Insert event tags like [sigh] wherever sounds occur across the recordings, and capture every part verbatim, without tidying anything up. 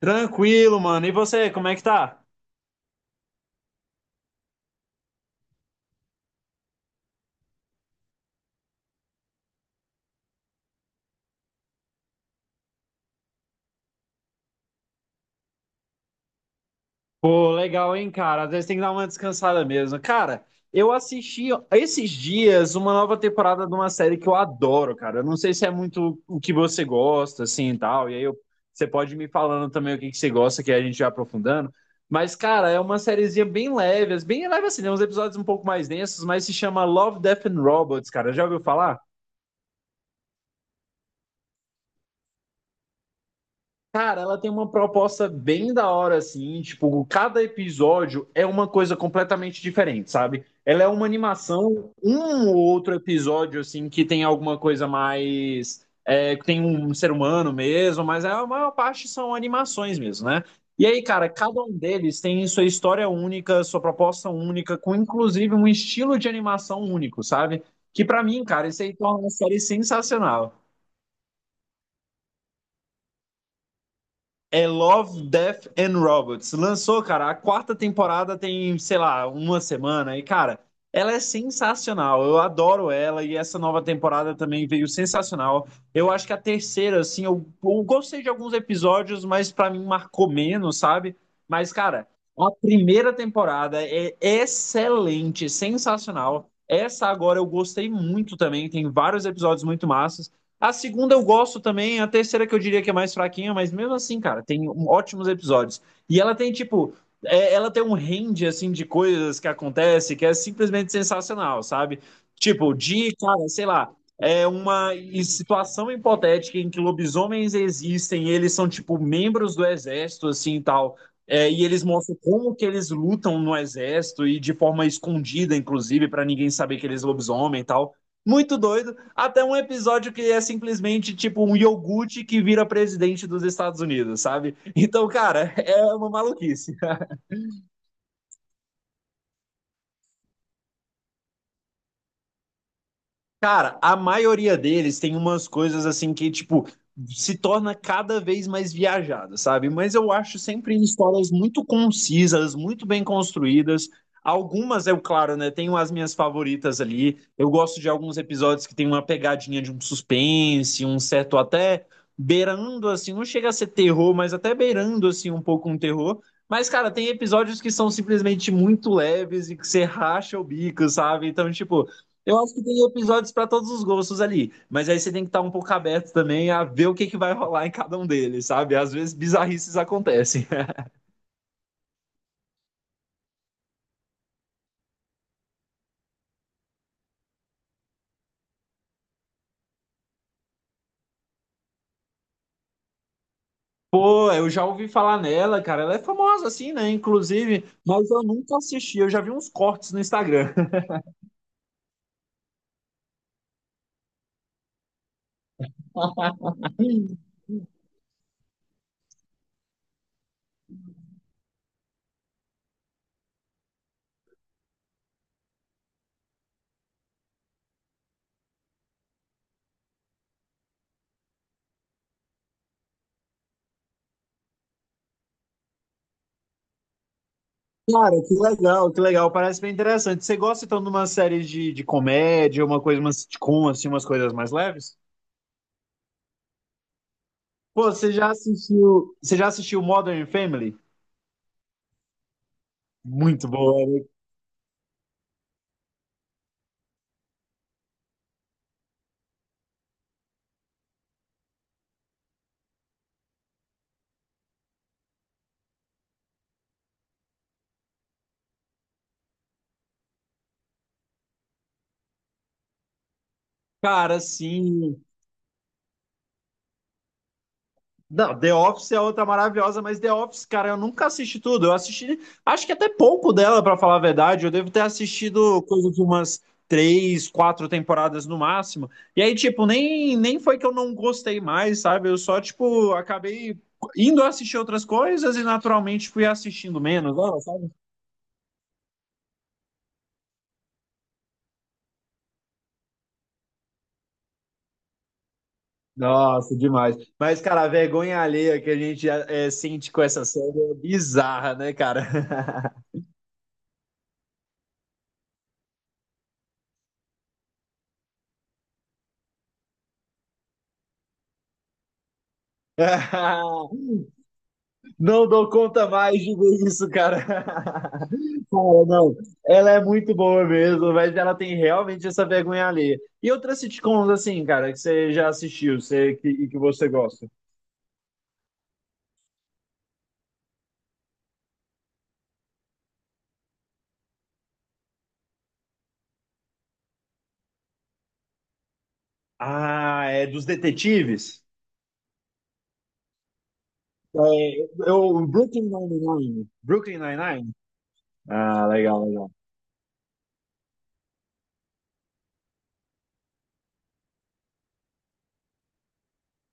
Tranquilo, mano. E você, como é que tá? Pô, legal, hein, cara? Às vezes tem que dar uma descansada mesmo. Cara, eu assisti esses dias uma nova temporada de uma série que eu adoro, cara. Eu não sei se é muito o que você gosta, assim, e tal. E aí eu- você pode ir me falando também o que que você gosta, que aí a gente vai aprofundando. Mas, cara, é uma sériezinha bem leve, bem leve assim, tem uns episódios um pouco mais densos, mas se chama Love, Death and Robots, cara. Já ouviu falar? Cara, ela tem uma proposta bem da hora, assim, tipo, cada episódio é uma coisa completamente diferente, sabe? Ela é uma animação, um ou outro episódio, assim, que tem alguma coisa mais, é, que tem um ser humano mesmo, mas a maior parte são animações mesmo, né? E aí, cara, cada um deles tem sua história única, sua proposta única, com inclusive um estilo de animação único, sabe? Que pra mim, cara, isso aí torna uma série sensacional. É Love, Death and Robots. Lançou, cara, a quarta temporada tem, sei lá, uma semana. E, cara, ela é sensacional. Eu adoro ela e essa nova temporada também veio sensacional. Eu acho que a terceira, assim, eu, eu gostei de alguns episódios, mas pra mim marcou menos, sabe? Mas, cara, a primeira temporada é excelente, sensacional. Essa agora eu gostei muito também, tem vários episódios muito massas. A segunda eu gosto também, a terceira que eu diria que é mais fraquinha, mas mesmo assim, cara, tem um- ótimos episódios. E ela tem, tipo, é- ela tem um range, assim, de coisas que acontece que é simplesmente sensacional, sabe? Tipo, de, cara, sei lá, é uma i- situação hipotética em que lobisomens existem, e eles são, tipo, membros do exército, assim, e tal. É, e eles mostram como que eles lutam no exército e de forma escondida, inclusive, pra ninguém saber que eles lobisomem e tal, muito doido, até um episódio que é simplesmente tipo um iogurte que vira presidente dos Estados Unidos, sabe? Então, cara, [laughs] é uma maluquice. Cara, a maioria deles tem umas coisas assim que, tipo, se torna cada vez mais viajada, sabe? Mas eu acho sempre histórias muito concisas, muito bem construídas. Algumas, eu, claro, né? Tenho as minhas favoritas ali. Eu gosto de alguns episódios que tem uma pegadinha de um suspense, um certo até beirando, assim, não chega a ser terror, mas até beirando, assim, um pouco um terror. Mas, cara, tem episódios que são simplesmente muito leves e que você racha o bico, sabe? Então, tipo. Eu acho que tem episódios para todos os gostos ali, mas aí você tem que estar um pouco aberto também a ver o que, que vai rolar em cada um deles, sabe? Às vezes bizarrices acontecem. [laughs] Pô, eu já ouvi falar nela, cara, ela é famosa assim, né? Inclusive, mas eu nunca assisti, eu já vi uns cortes no Instagram. [laughs] Cara, que legal, que legal, parece bem interessante. Você gosta então de uma série de, de comédia, uma coisa, uma sitcom, assim, umas coisas mais leves? Pô, você já assistiu, você já assistiu Modern Family? Muito boa, né? Cara, sim. Não, The Office é outra maravilhosa, mas The Office, cara, eu nunca assisti tudo. Eu assisti, acho que até pouco dela, pra falar a verdade. Eu devo ter assistido coisa de umas três, quatro temporadas no máximo. E aí, tipo, nem, nem foi que eu não gostei mais, sabe? Eu só, tipo, acabei indo assistir outras coisas e naturalmente fui assistindo menos, ó. Sabe? Nossa, demais. Mas, cara, a vergonha alheia que a gente é, sente com essa série é bizarra, né, cara? [laughs] Não dou conta mais de ver isso, cara. [laughs] Cara, não. Ela é muito boa mesmo, mas ela tem realmente essa vergonha alheia. E outras sitcoms, assim, cara, que você já assistiu, você, que, e que você gosta? Ah, é dos detetives? É, eu, Brooklyn Nine-Nine. Brooklyn Nine-Nine? Ah, legal, legal.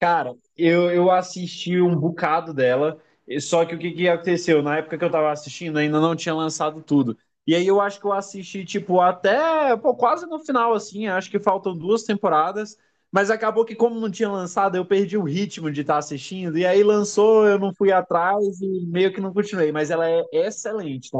Cara, eu, eu assisti um bocado dela, e- só que o que que aconteceu? Na época que eu tava assistindo, ainda não tinha lançado tudo. E aí eu acho que eu assisti, tipo, até, pô, quase no final, assim, acho que faltam duas temporadas, mas acabou que como não tinha lançado, eu perdi o ritmo de estar assistindo, e aí lançou, eu não fui atrás e meio que não continuei, mas ela é excelente, tá?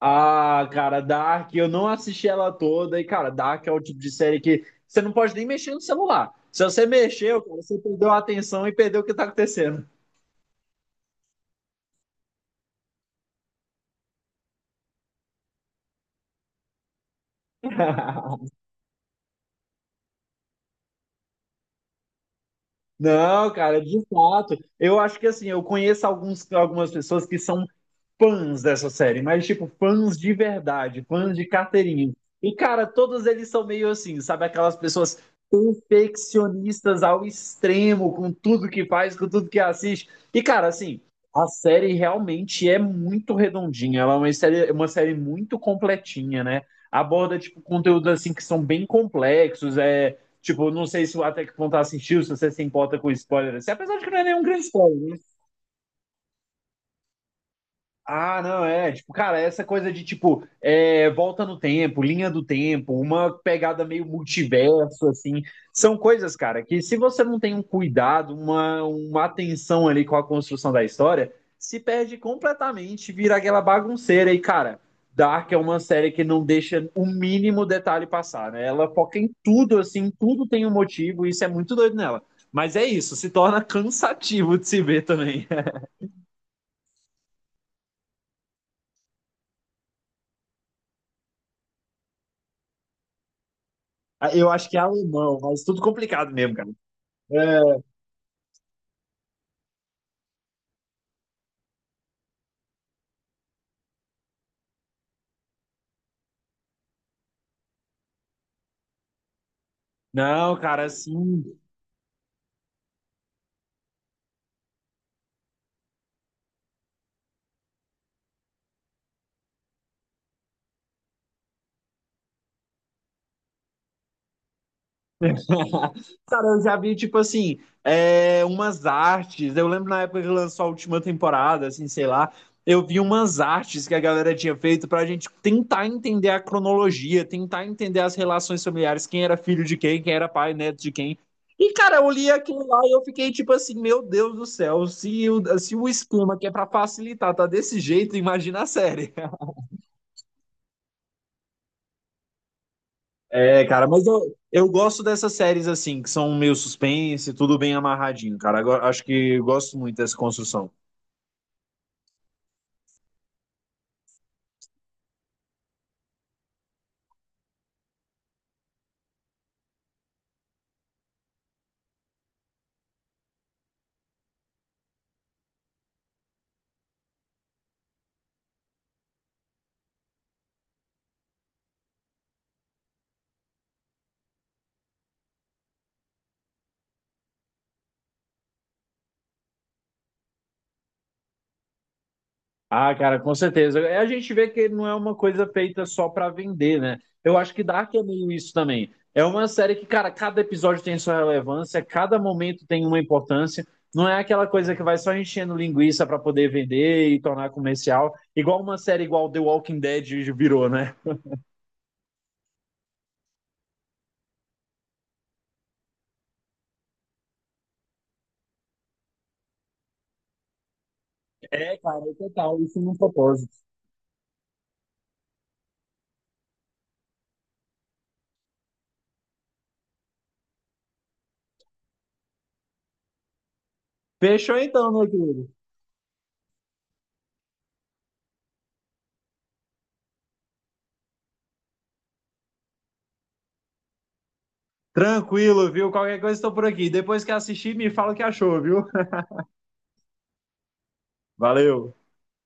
Ah, cara, Dark, eu não assisti ela toda. E, cara, Dark é o tipo de série que você não pode nem mexer no celular. Se você mexeu, cara, você perdeu a atenção e perdeu o que tá acontecendo. [laughs] Não, cara, de fato. Eu acho que assim, eu conheço alguns, algumas pessoas que são fãs dessa série, mas tipo, fãs de verdade, fãs de carteirinha. E, cara, todos eles são meio assim, sabe? Aquelas pessoas perfeccionistas ao extremo com tudo que faz, com tudo que assiste. E, cara, assim, a série realmente é muito redondinha. Ela é uma série, uma série muito completinha, né? Aborda, tipo, conteúdos assim que são bem complexos. É, tipo, não sei se até que ponto assistiu, se você se importa com spoiler. Assim, apesar de que não é nenhum grande spoiler, né? Ah, não, é. Tipo, cara, essa coisa de, tipo, é, volta no tempo, linha do tempo, uma pegada meio multiverso, assim. São coisas, cara, que se você não tem um cuidado, uma, uma atenção ali com a construção da história, se perde completamente, vira aquela bagunceira. E, cara, Dark é uma série que não deixa o mínimo detalhe passar, né? Ela foca em tudo, assim, tudo tem um motivo, e isso é muito doido nela. Mas é isso, se torna cansativo de se ver também. Ah, eu acho que é alemão, mas tudo complicado mesmo, cara. É, não, cara, assim. [laughs] Cara, eu já vi, tipo assim, é, umas artes. Eu lembro na época que lançou a última temporada, assim, sei lá. Eu vi umas artes que a galera tinha feito pra gente tentar entender a cronologia, tentar entender as relações familiares, quem era filho de quem, quem era pai, neto de quem. E, cara, eu li aquilo lá e eu fiquei tipo assim, meu Deus do céu, se o, se o esquema que é pra facilitar tá desse jeito, imagina a série. [laughs] É, cara, mas eu, eu gosto dessas séries assim, que são meio suspense, tudo bem amarradinho, cara. Agora, acho que eu gosto muito dessa construção. Ah, cara, com certeza. É, a gente vê que não é uma coisa feita só pra vender, né? Eu acho que Dark é meio isso também. É uma série que, cara, cada episódio tem sua relevância, cada momento tem uma importância. Não é aquela coisa que vai só enchendo linguiça pra poder vender e tornar comercial, igual uma série igual The Walking Dead virou, né? É, cara, é total, isso num propósito. Fechou então, meu querido. Tranquilo, viu? Qualquer coisa estou por aqui. Depois que assistir, me fala o que achou, viu? Valeu!